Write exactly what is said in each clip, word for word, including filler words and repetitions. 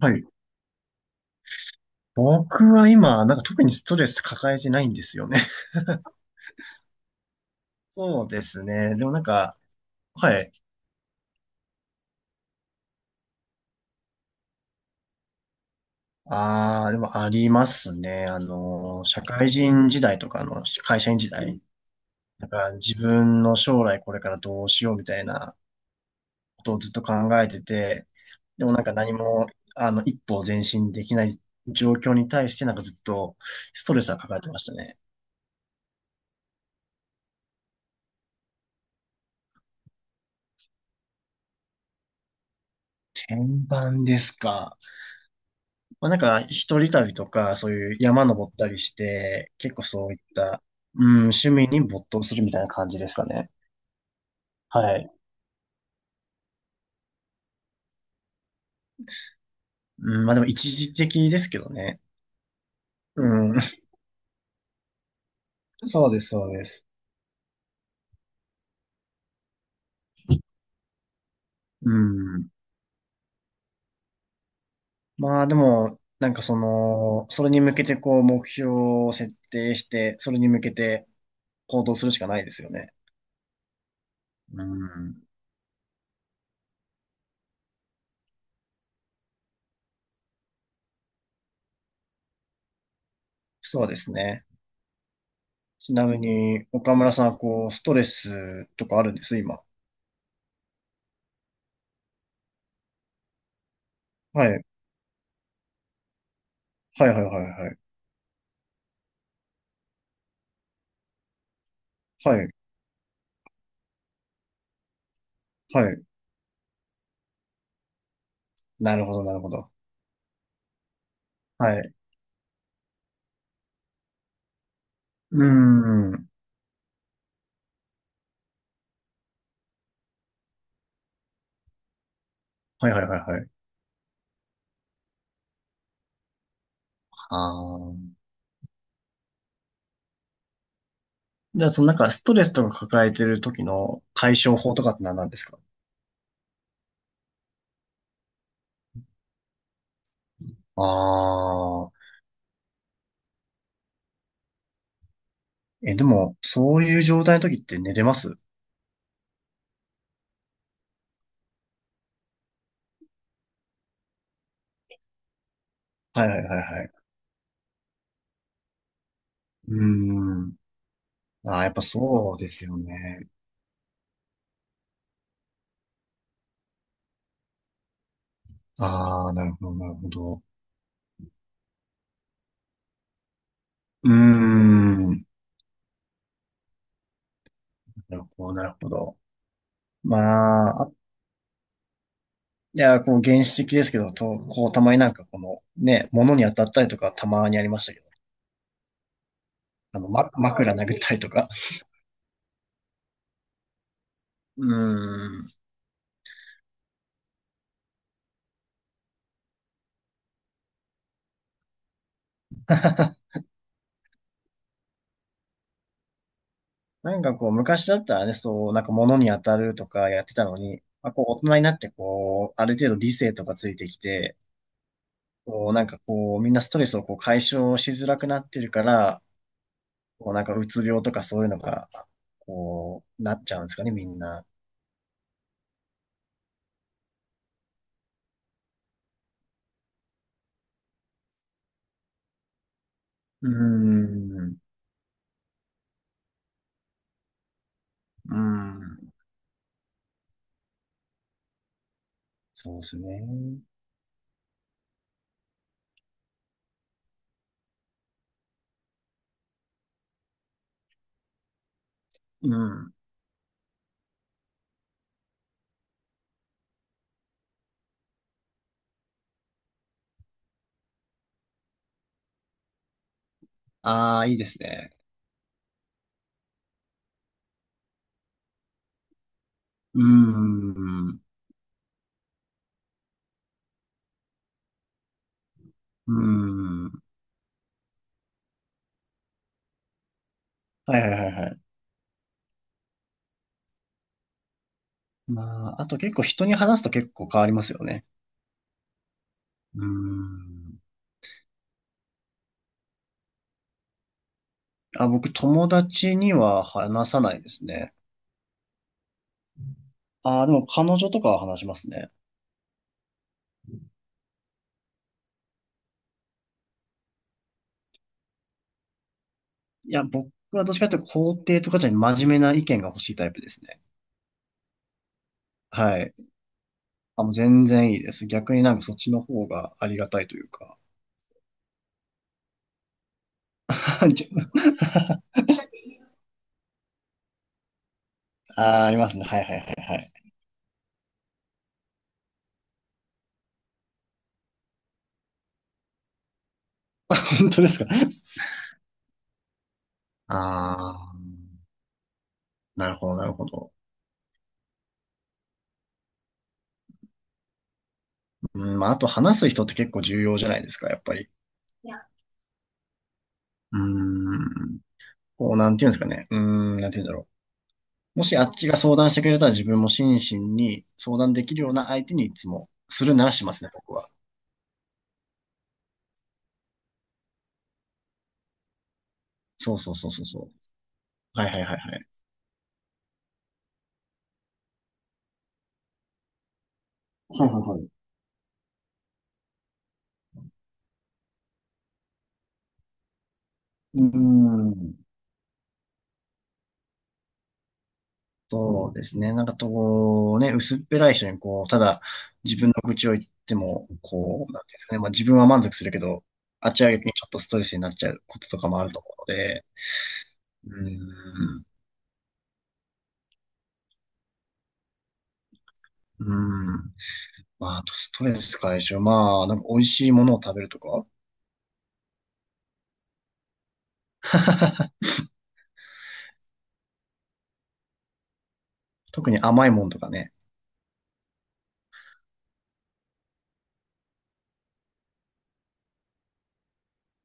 はい。僕は今、なんか特にストレス抱えてないんですよね。そうですね。でもなんか、はい。ああ、でもありますね。あの、社会人時代とか、あの、会社員時代。なんか自分の将来これからどうしようみたいなことをずっと考えてて、でもなんか何も、あの、一歩前進できない状況に対してなんかずっとストレスは抱えてましたね。転板ですか？まあ、なんか、一人旅とか、そういう山登ったりして、結構そういった、うん、趣味に没頭するみたいな感じですかね。はい。うん、まあでも一時的ですけどね。うん。そうです、そうです。うん。まあでも、なんかその、それに向けてこう、目標を設定して、それに向けて行動するしかないですよね。うん。そうですね。ちなみに、岡村さん、こう、ストレスとかあるんです、今？はい。はいはいはいはい。はい。はい。なるほど、なるほど。はい。うーん。はいはいはいはい。ああ。じゃあ、そのなんかストレスとか抱えてる時の解消法とかって何なんですか？ああ。え、でも、そういう状態の時って寝れます？はいはいはいはい。うーん。ああ、やっぱそうですよね。ああ、なるほど、なるほど。うーん。なるほど、なるほど。まあ、あいや、こう、原始的ですけど、と、こう、たまになんかこの、ね、物に当たったりとかたまにありましたけど。あの、ま、枕殴ったりとか。うーん。なんかこう、昔だったらね、そう、なんか物に当たるとかやってたのに、まあ、こう、大人になってこう、ある程度理性とかついてきて、こう、なんかこう、みんなストレスをこう解消しづらくなってるから、こう、なんかうつ病とかそういうのが、こう、なっちゃうんですかね、みんな。うーん。うーん。そうですね。うん。ああ、いいですね。うーん。うーん。はいはいはいはい。まあ、あと結構人に話すと結構変わりますよね。うーん。あ、僕友達には話さないですね。あ、でも彼女とかは話しますね。いや、僕はどっちかというと肯定とかじゃなくて真面目な意見が欲しいタイプですね。はい。あ、もう全然いいです。逆になんかそっちの方がありがたいというか。ちょあー、ありますね。はいはいはいはい。本当ですか？あー、なるほどなるほど。うん、まあ、あと話す人って結構重要じゃないですか、やっぱり。いやうーん。こう、なんていうんですかね。うーん、なんていうんだろう。もしあっちが相談してくれたら自分も心身に相談できるような相手にいつもするならしますね、僕は。そうそうそうそうそう。はいはいはいはい。はいはいはい。うーん。そうですね。なんかこう、ね、薄っぺらい人にこう、ただ自分の愚痴を言っても、こう、なんていうんですかね。まあ自分は満足するけど、あっちは逆にちょっとストレスになっちゃうこととかもあると思うので、うーん。うーん。まあ、あとストレス解消。まあ、なんか美味しいものを食べるとか。特に甘いもんとかね。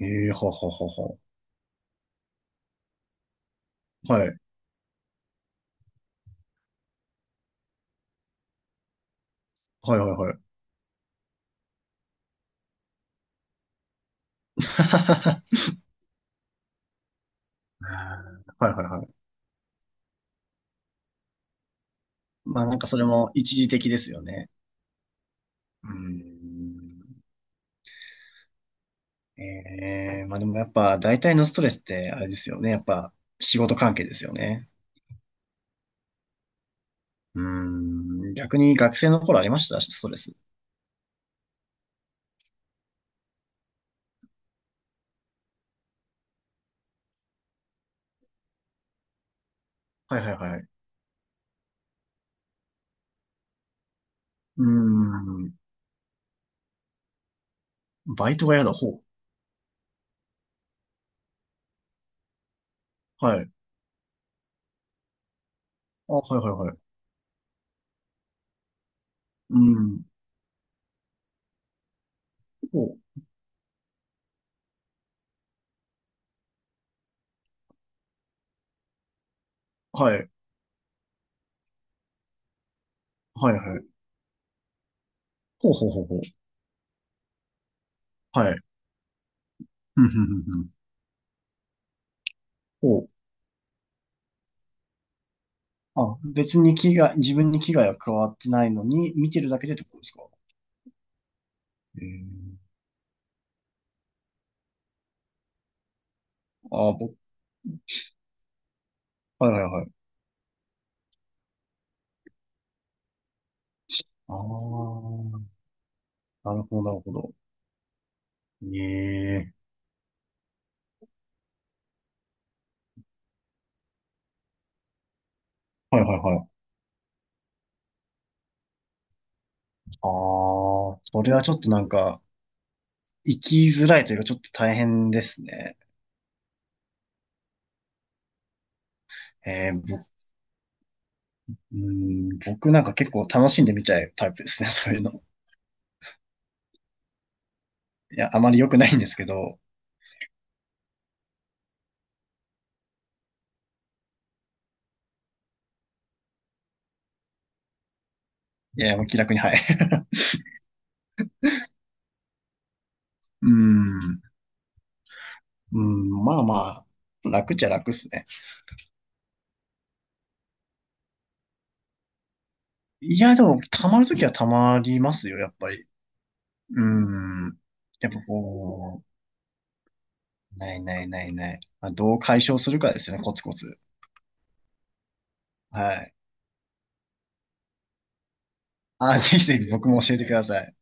ええー、ほうほうほうほう。はい。はいはいはい。はいはいはい。まあなんかそれも一時的ですよね。うーん。ええまあでもやっぱ大体のストレスってあれですよね。やっぱ仕事関係ですよね。うーん。逆に学生の頃ありましたストレス？はいはいはい。うーん。バイトが嫌だ。ほう。はい。あ、はいはいはい。うーん。ほう。はい。はいはい。ほうほうほうほう。はい。ふんふんふんふん。ほう。あ、別に危害、自分に危害は加わってないのに、見てるだけでってことですか？えー、ああぼ、はいはいはい。ああなるほど、なるほど。ええ。はいはいはい。ああ、それはちょっとなんか、生きづらいというか、ちょっと大変ですね。えー、ぼ、うん、僕なんか結構楽しんで見ちゃうタイプですね、そういうの。いや、あまり良くないんですけど、いや、もう気楽に、はい。うん、うん、まあまあ、楽っちゃ楽っすね。いや、でも、溜まるときは溜まりますよ、やっぱり。うーん。やっぱこう、ないないないない。まあ、どう解消するかですよね、コツコツ。はい。あ、ぜひぜひ僕も教えてください。